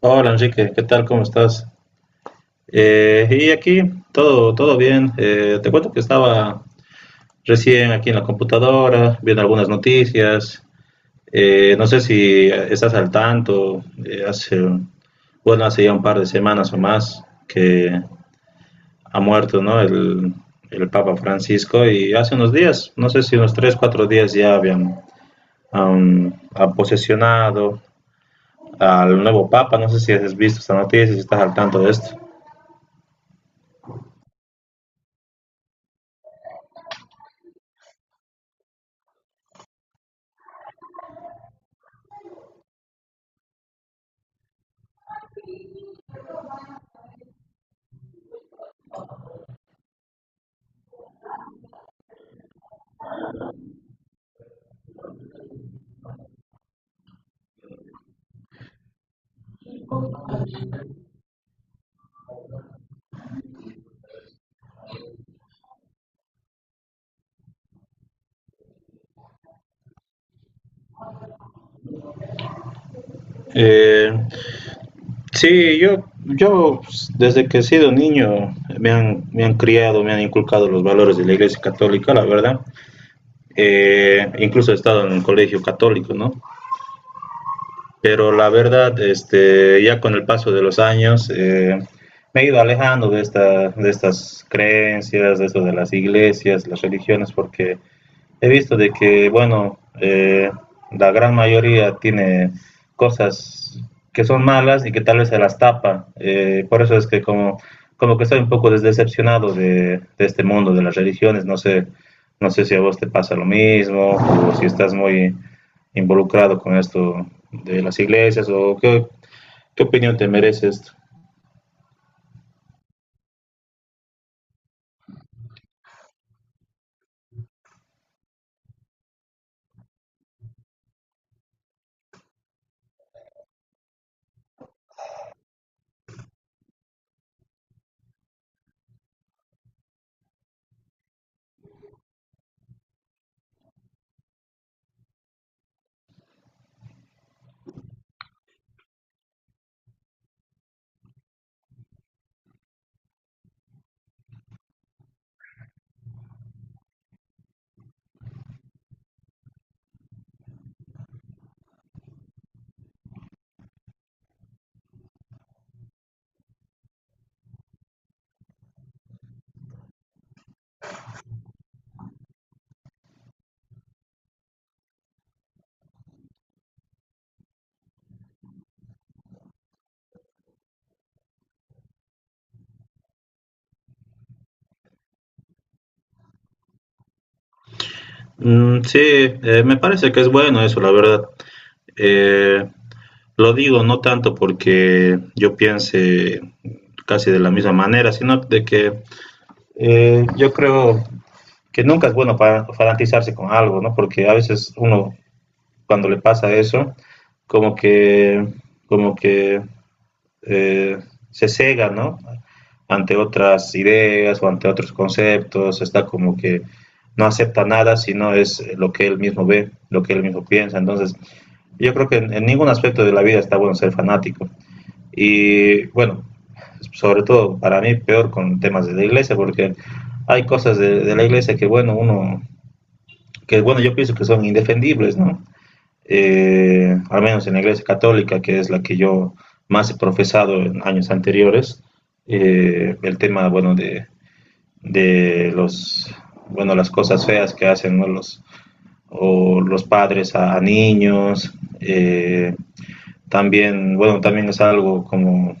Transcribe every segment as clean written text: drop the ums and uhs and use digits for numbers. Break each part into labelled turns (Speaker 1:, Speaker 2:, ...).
Speaker 1: Hola Enrique, ¿qué tal? ¿Cómo estás? Y aquí todo bien. Te cuento que estaba recién aquí en la computadora viendo algunas noticias. No sé si estás al tanto. Bueno, hace ya un par de semanas o más que ha muerto, ¿no? El Papa Francisco, y hace unos días, no sé si unos tres, cuatro días, ya han posesionado al nuevo Papa. No sé si has visto esta noticia, si estás al tanto de esto. Eh, Sí, yo pues, desde que he sido niño me han criado, me han inculcado los valores de la Iglesia Católica, la verdad. Incluso he estado en un colegio católico, ¿no? Pero la verdad, este, ya con el paso de los años, me he ido alejando de estas creencias, de eso de las iglesias, las religiones, porque he visto de que, bueno, la gran mayoría tiene cosas que son malas y que tal vez se las tapa. Por eso es como que estoy un poco decepcionado de este mundo de las religiones. No sé si a vos te pasa lo mismo o si estás muy involucrado con esto de las qué opinión te merece esto. Mm, sí, me parece que es bueno eso, la verdad. Eh, Lo digo no tanto porque yo piense casi de la misma manera, sino de que yo creo que nunca es bueno para fanatizarse con algo, ¿no? Porque a veces uno, cuando le pasa eso, como que, como que eh, se cega, ¿no? Ante otras ideas o ante otros conceptos, está como que no acepta nada sino es lo que él mismo ve, lo que él mismo piensa. Entonces, yo creo que en ningún aspecto de la vida está bueno ser fanático. Y bueno, sobre todo para mí peor con temas de la iglesia, porque hay cosas de la iglesia que bueno, yo pienso que son indefendibles, ¿no? Al menos en la iglesia católica, que es la que yo más he profesado en años anteriores, el tema, bueno, de las cosas feas que hacen, ¿no?, los padres a niños. Eh, también, bueno, también es algo como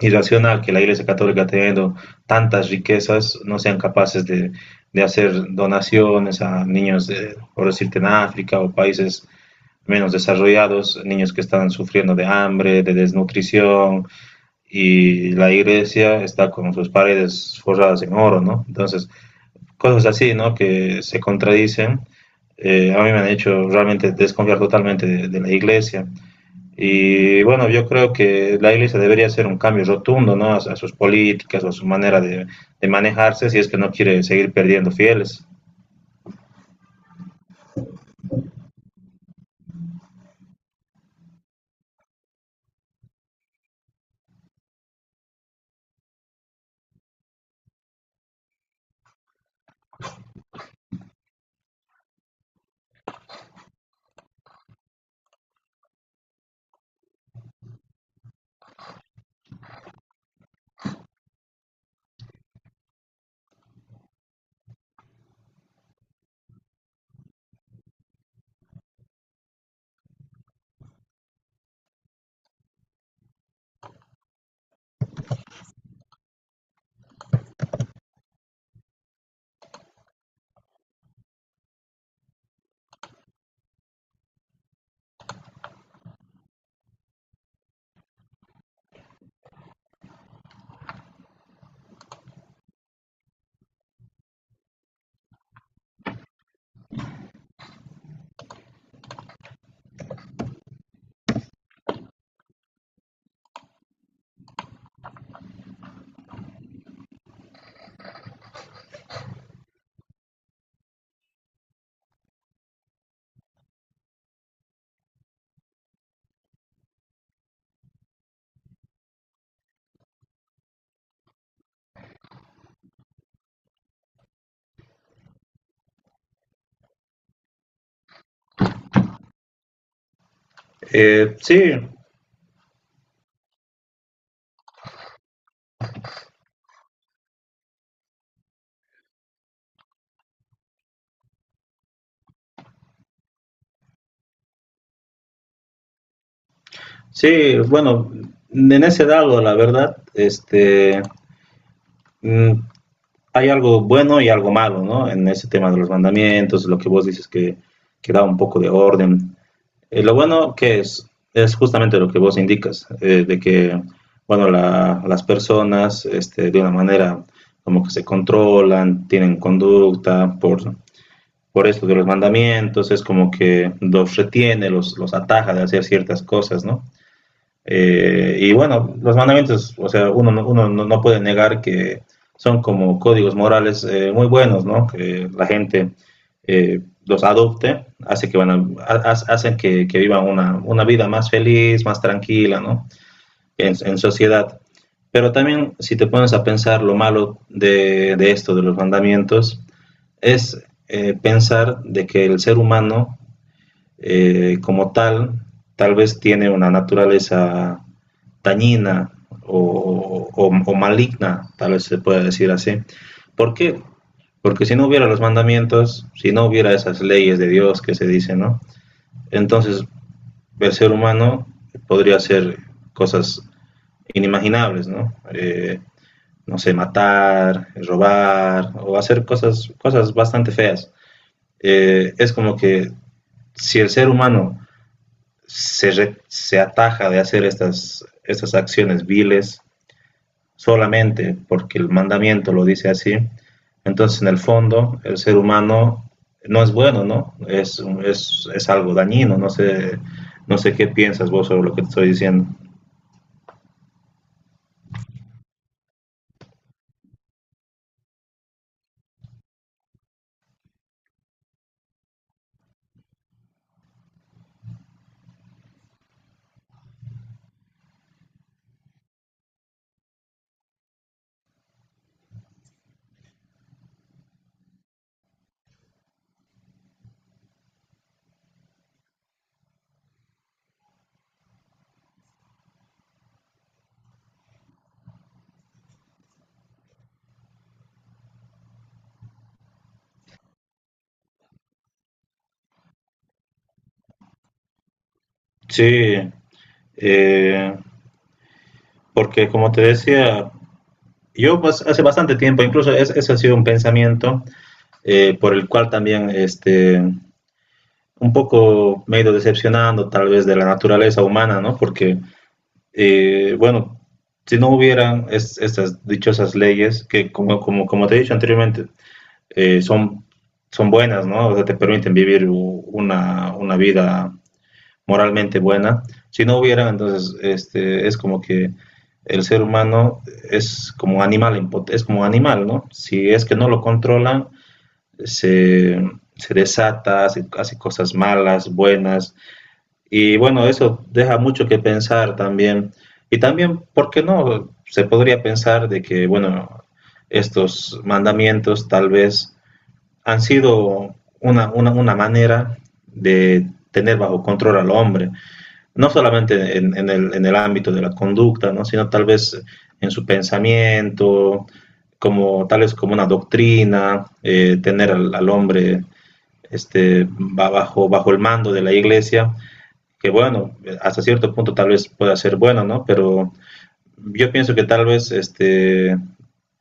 Speaker 1: irracional que la Iglesia Católica, teniendo tantas riquezas, no sean capaces de hacer donaciones a niños, de, por decirte, en África o países menos desarrollados, niños que están sufriendo de hambre, de desnutrición, y la iglesia está con sus paredes forradas en oro, ¿no? Entonces, cosas así, ¿no? Que se contradicen, a mí me han hecho realmente desconfiar totalmente de la iglesia. Y bueno, yo creo que la Iglesia debería hacer un cambio rotundo, ¿no?, a sus políticas o a su manera de manejarse, si es que no quiere seguir perdiendo fieles. Sí, sí, bueno, en ese lado, la verdad, este, mm, hay algo bueno y algo malo, ¿no?, en ese tema de los mandamientos, lo que vos dices, que da un poco de orden. Lo bueno que es justamente lo que vos indicas, de que, bueno, las personas, este, de una manera como que se controlan, tienen conducta por esto de los mandamientos, es como que los retiene, los ataja de hacer ciertas cosas, ¿no? Y bueno, los mandamientos, o sea, uno no, no puede negar que son como códigos morales, muy buenos, ¿no? Que la gente, eh, los adopte, hace que hacen que vivan una vida más feliz, más tranquila, ¿no? En sociedad. Pero también, si te pones a pensar lo malo de esto, de los mandamientos, es, pensar de que el ser humano, como tal, tal vez tiene una naturaleza dañina o maligna, tal vez se puede decir así. ¿Por qué? Porque si no hubiera los mandamientos, si no hubiera esas leyes de Dios que se dicen, ¿no? Entonces el ser humano podría hacer cosas inimaginables, ¿no? No sé, matar, robar o hacer cosas bastante feas. Es como que si el ser humano se ataja de hacer estas acciones viles, solamente porque el mandamiento lo dice así, entonces en el fondo el ser humano no es bueno, ¿no? Es algo dañino, no sé qué piensas vos sobre lo que te estoy diciendo. Sí, eh, porque como te decía, yo pues, hace bastante tiempo, incluso ese ha sido un pensamiento, por el cual también, este, un poco me he ido decepcionando tal vez de la naturaleza humana, ¿no? Porque bueno, si no hubieran estas dichosas leyes que, como te he dicho anteriormente, son, son buenas, ¿no? O sea, te permiten vivir una vida moralmente buena. Si no hubieran, entonces este, es como que el ser humano es como animal, es como animal, ¿no? Si es que no lo controlan, se, se desata, hace cosas malas, buenas, y bueno, eso deja mucho que pensar también. Y también, ¿por qué no? Se podría pensar de que, bueno, estos mandamientos tal vez han sido una manera de tener bajo control al hombre, no solamente en el ámbito de la conducta, ¿no?, sino tal vez en su pensamiento, como tal vez como una doctrina, tener al hombre, este, bajo el mando de la iglesia, que bueno, hasta cierto punto tal vez pueda ser bueno, ¿no? Pero yo pienso que tal vez este,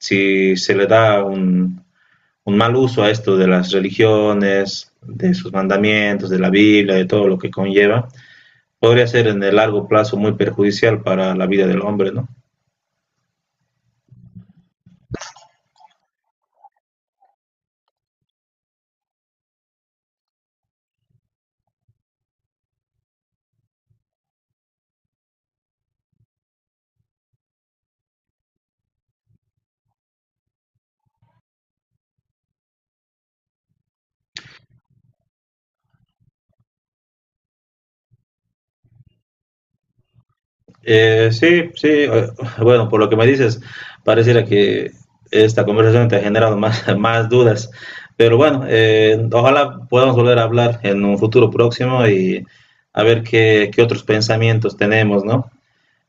Speaker 1: si se le da un mal uso a esto de las religiones, de sus mandamientos, de la Biblia, de todo lo que conlleva, podría ser en el largo plazo muy perjudicial para la vida del hombre, ¿no? Sí, sí, bueno, por lo que me dices, pareciera que esta conversación te ha generado más, más dudas, pero bueno, ojalá podamos volver a hablar en un futuro próximo y a ver qué otros pensamientos tenemos, ¿no?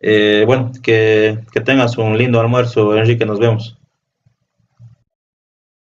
Speaker 1: Bueno, que tengas un lindo almuerzo, Enrique, nos vemos.